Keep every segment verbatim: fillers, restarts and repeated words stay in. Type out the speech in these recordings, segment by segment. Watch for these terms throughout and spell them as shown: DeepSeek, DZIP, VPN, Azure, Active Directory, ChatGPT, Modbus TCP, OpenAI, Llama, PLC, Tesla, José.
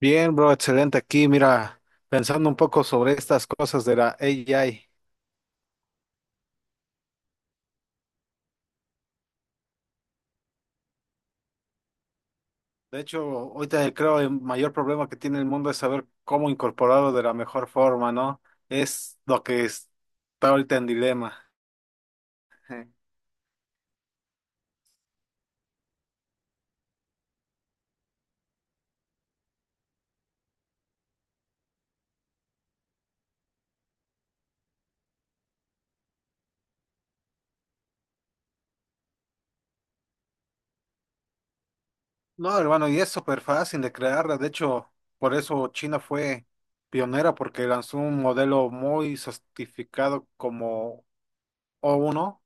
Bien, bro, excelente aquí. Mira, pensando un poco sobre estas cosas de la A I. De hecho, ahorita creo el mayor problema que tiene el mundo es saber cómo incorporarlo de la mejor forma, ¿no? Es lo que es- Está ahorita en dilema. No, hermano, y es súper fácil de crearla. De hecho, por eso China fue pionera, porque lanzó un modelo muy certificado como o uno.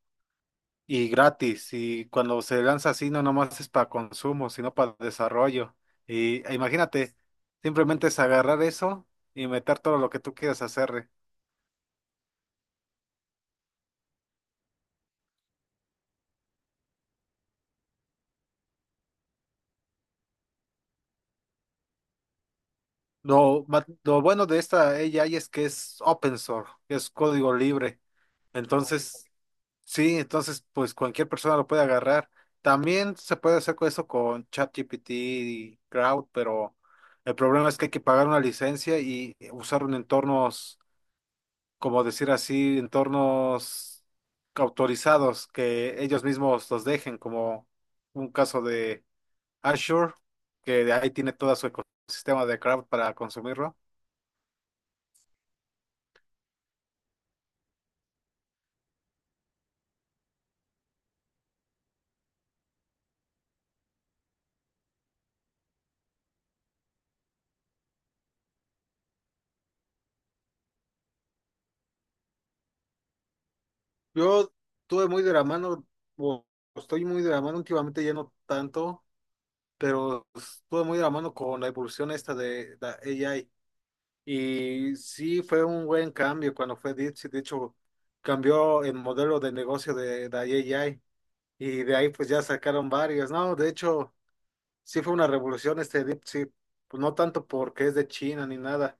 Y gratis. Y cuando se lanza así, no nomás es para consumo, sino para desarrollo. Y e imagínate, simplemente es agarrar eso y meter todo lo que tú quieras hacerle. Lo, ma- lo bueno de esta A I es que es open source, es código libre. Entonces, sí, entonces pues cualquier persona lo puede agarrar. También se puede hacer con eso con ChatGPT y Crowd, pero el problema es que hay que pagar una licencia y usar un entornos, como decir así, entornos autorizados que ellos mismos los dejen, como un caso de Azure, que de ahí tiene todo su ecosistema de cloud para consumirlo. Yo tuve muy de la mano, o estoy muy de la mano últimamente, ya no tanto, pero estuve muy de la mano con la evolución esta de la A I. Y sí fue un buen cambio cuando fue Dipsy. De hecho, cambió el modelo de negocio de la A I. Y de ahí pues ya sacaron varios, ¿no? De hecho, sí fue una revolución este DeepSeek, pues no tanto porque es de China ni nada,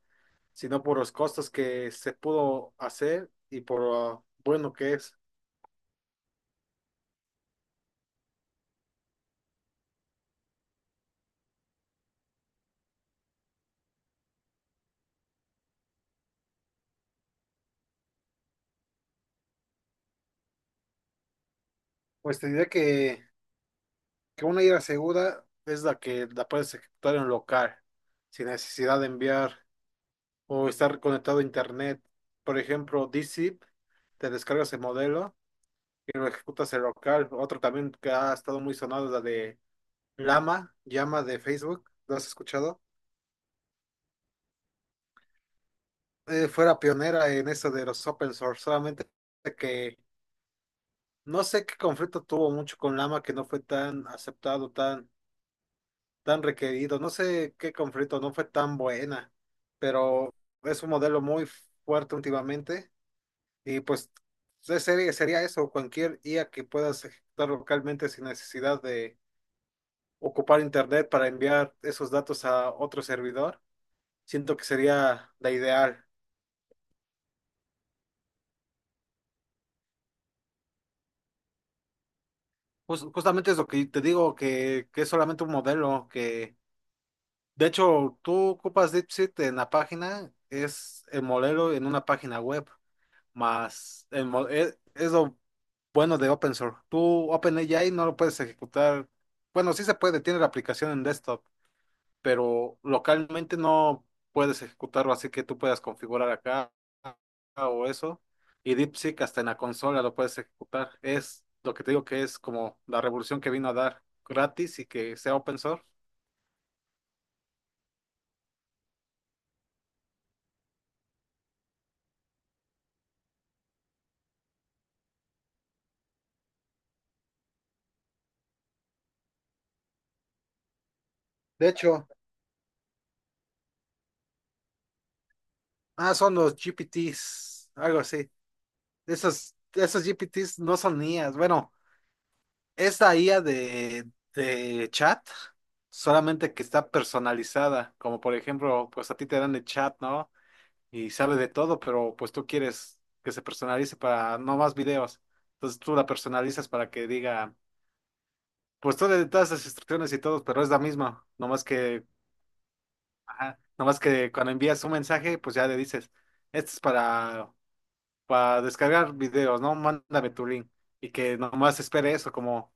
sino por los costos que se pudo hacer y por lo bueno que es. Pues te diré que, que una ida segura es la que la puedes ejecutar en local, sin necesidad de enviar o estar conectado a internet. Por ejemplo, D ZIP, te descargas el modelo y lo ejecutas en local. Otro también que ha estado muy sonado es la de Llama, Llama de Facebook, ¿lo has escuchado? Eh, fuera pionera en eso de los open source, solamente que no sé qué conflicto tuvo mucho con Llama que no fue tan aceptado, tan, tan requerido, no sé qué conflicto, no fue tan buena, pero es un modelo muy fuerte últimamente, y pues de serie sería eso, cualquier I A que puedas ejecutar localmente sin necesidad de ocupar internet para enviar esos datos a otro servidor, siento que sería la ideal. Jus- justamente es lo que te digo, que, que es solamente un modelo, que de hecho tú ocupas DeepSeek en la página, es el modelo en una página web, más el, mo- e- es lo bueno de open source. Tú OpenAI no lo puedes ejecutar, bueno, sí se puede, tiene la aplicación en desktop, pero localmente no puedes ejecutarlo así que tú puedas configurar acá o eso. Y DeepSeek hasta en la consola lo puedes ejecutar. Es lo que te digo, que es como la revolución que vino a dar gratis y que sea open source. De hecho, ah, son los G P T s, algo así. Esos, esos G P T s no son I As. Bueno, es la I A de, de chat, solamente que está personalizada. Como por ejemplo, pues a ti te dan el chat, ¿no? Y sabe de todo, pero pues tú quieres que se personalice para no más videos. Entonces tú la personalizas para que diga, pues tú le das todas las instrucciones y todo, pero es la misma. Nomás que, ajá, nomás que cuando envías un mensaje, pues ya le dices, esto es para, para descargar videos, ¿no? Mándame tu link. Y que nomás espere eso, como,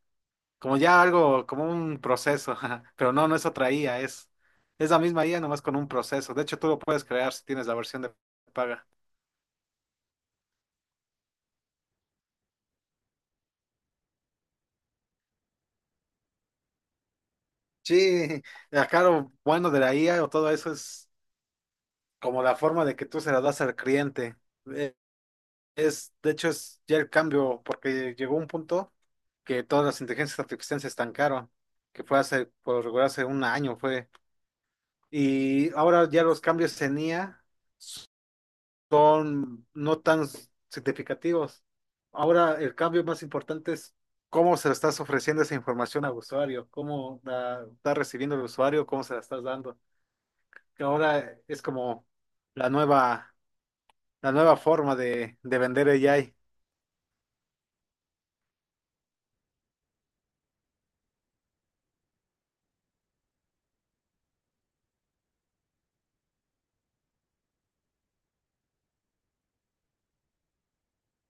como ya algo, como un proceso. Ajá. Pero no, no es otra I A, es, es la misma I A, nomás con un proceso. De hecho, tú lo puedes crear si tienes la versión de paga. Sí, acá lo bueno de la I A o todo eso es como la forma de que tú se la das al cliente. Eh, Es, de hecho, es ya el cambio, porque llegó un punto que todas las inteligencias artificiales se estancaron, que fue hace, por lo regular, hace un año fue. Y ahora ya los cambios en I A son no tan significativos. Ahora el cambio más importante es cómo se le estás ofreciendo esa información al usuario, cómo la está recibiendo el usuario, cómo se la estás dando, que ahora es como la nueva, la nueva forma de, de vender A I.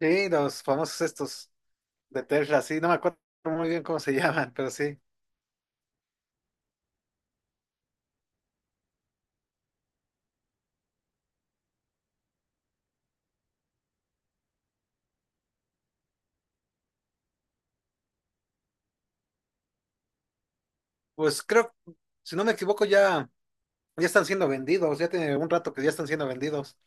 Sí, los famosos estos de Tesla, sí, no me acuerdo muy bien cómo se llaman, pero sí. Pues creo, si no me equivoco, ya, ya están siendo vendidos, ya tiene un rato que ya están siendo vendidos.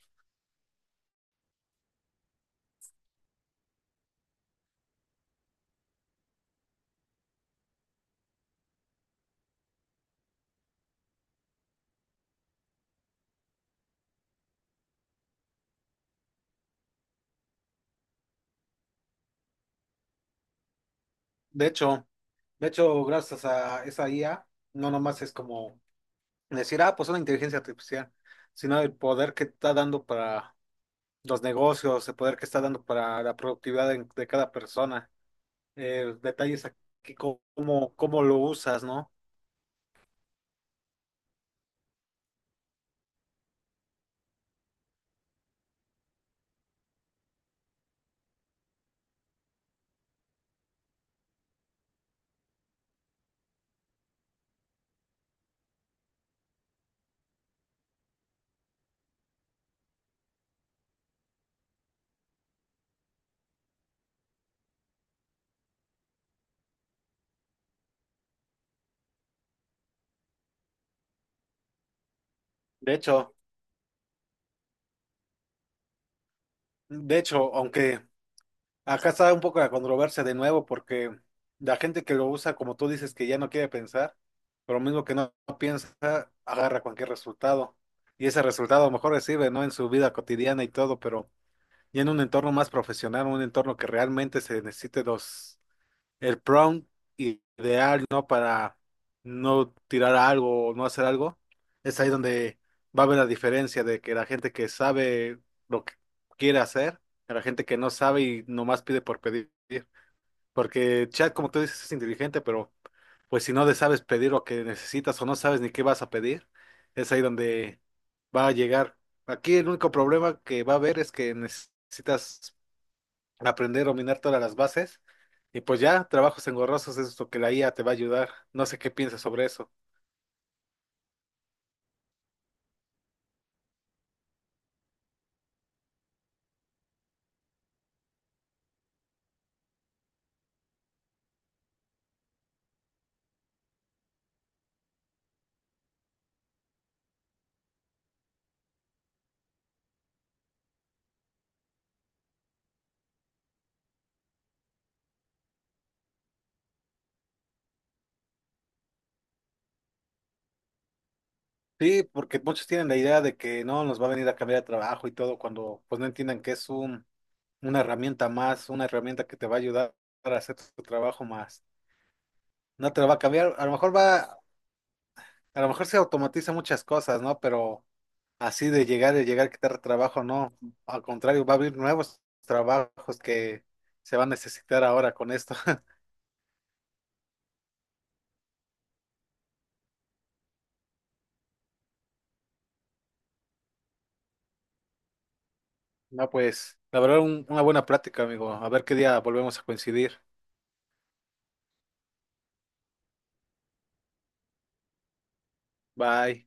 De hecho, de hecho, gracias a esa I A, no nomás es como decir, ah, pues una inteligencia artificial, sino el poder que está dando para los negocios, el poder que está dando para la productividad de de cada persona. Eh, detalles a que cómo, cómo lo usas, ¿no? De hecho, de hecho, aunque acá está un poco la controversia de nuevo, porque la gente que lo usa, como tú dices, que ya no quiere pensar, pero lo mismo que no piensa, agarra cualquier resultado. Y ese resultado a lo mejor le sirve, ¿no? En su vida cotidiana y todo, pero ya en un entorno más profesional, un entorno que realmente se necesite dos. El prompt ideal, ¿no? Para no tirar algo o no hacer algo, es ahí donde va a haber la diferencia de que la gente que sabe lo que quiere hacer, a la gente que no sabe y nomás pide por pedir. Porque chat, como tú dices, es inteligente, pero pues si no le sabes pedir lo que necesitas o no sabes ni qué vas a pedir, es ahí donde va a llegar. Aquí el único problema que va a haber es que necesitas aprender a dominar todas las bases. Y pues ya, trabajos engorrosos es lo que la I A te va a ayudar. No sé qué piensas sobre eso. Sí, porque muchos tienen la idea de que no nos va a venir a cambiar de trabajo y todo, cuando pues no entiendan que es un, una herramienta más, una herramienta que te va a ayudar a hacer tu trabajo más. No te lo va a cambiar, a lo mejor va, a lo mejor se automatiza muchas cosas, ¿no? Pero así de llegar y llegar a quitar trabajo, no. Al contrario, va a haber nuevos trabajos que se van a necesitar ahora con esto. No, pues, la verdad, un- una buena plática, amigo. A ver qué día volvemos a coincidir. Bye.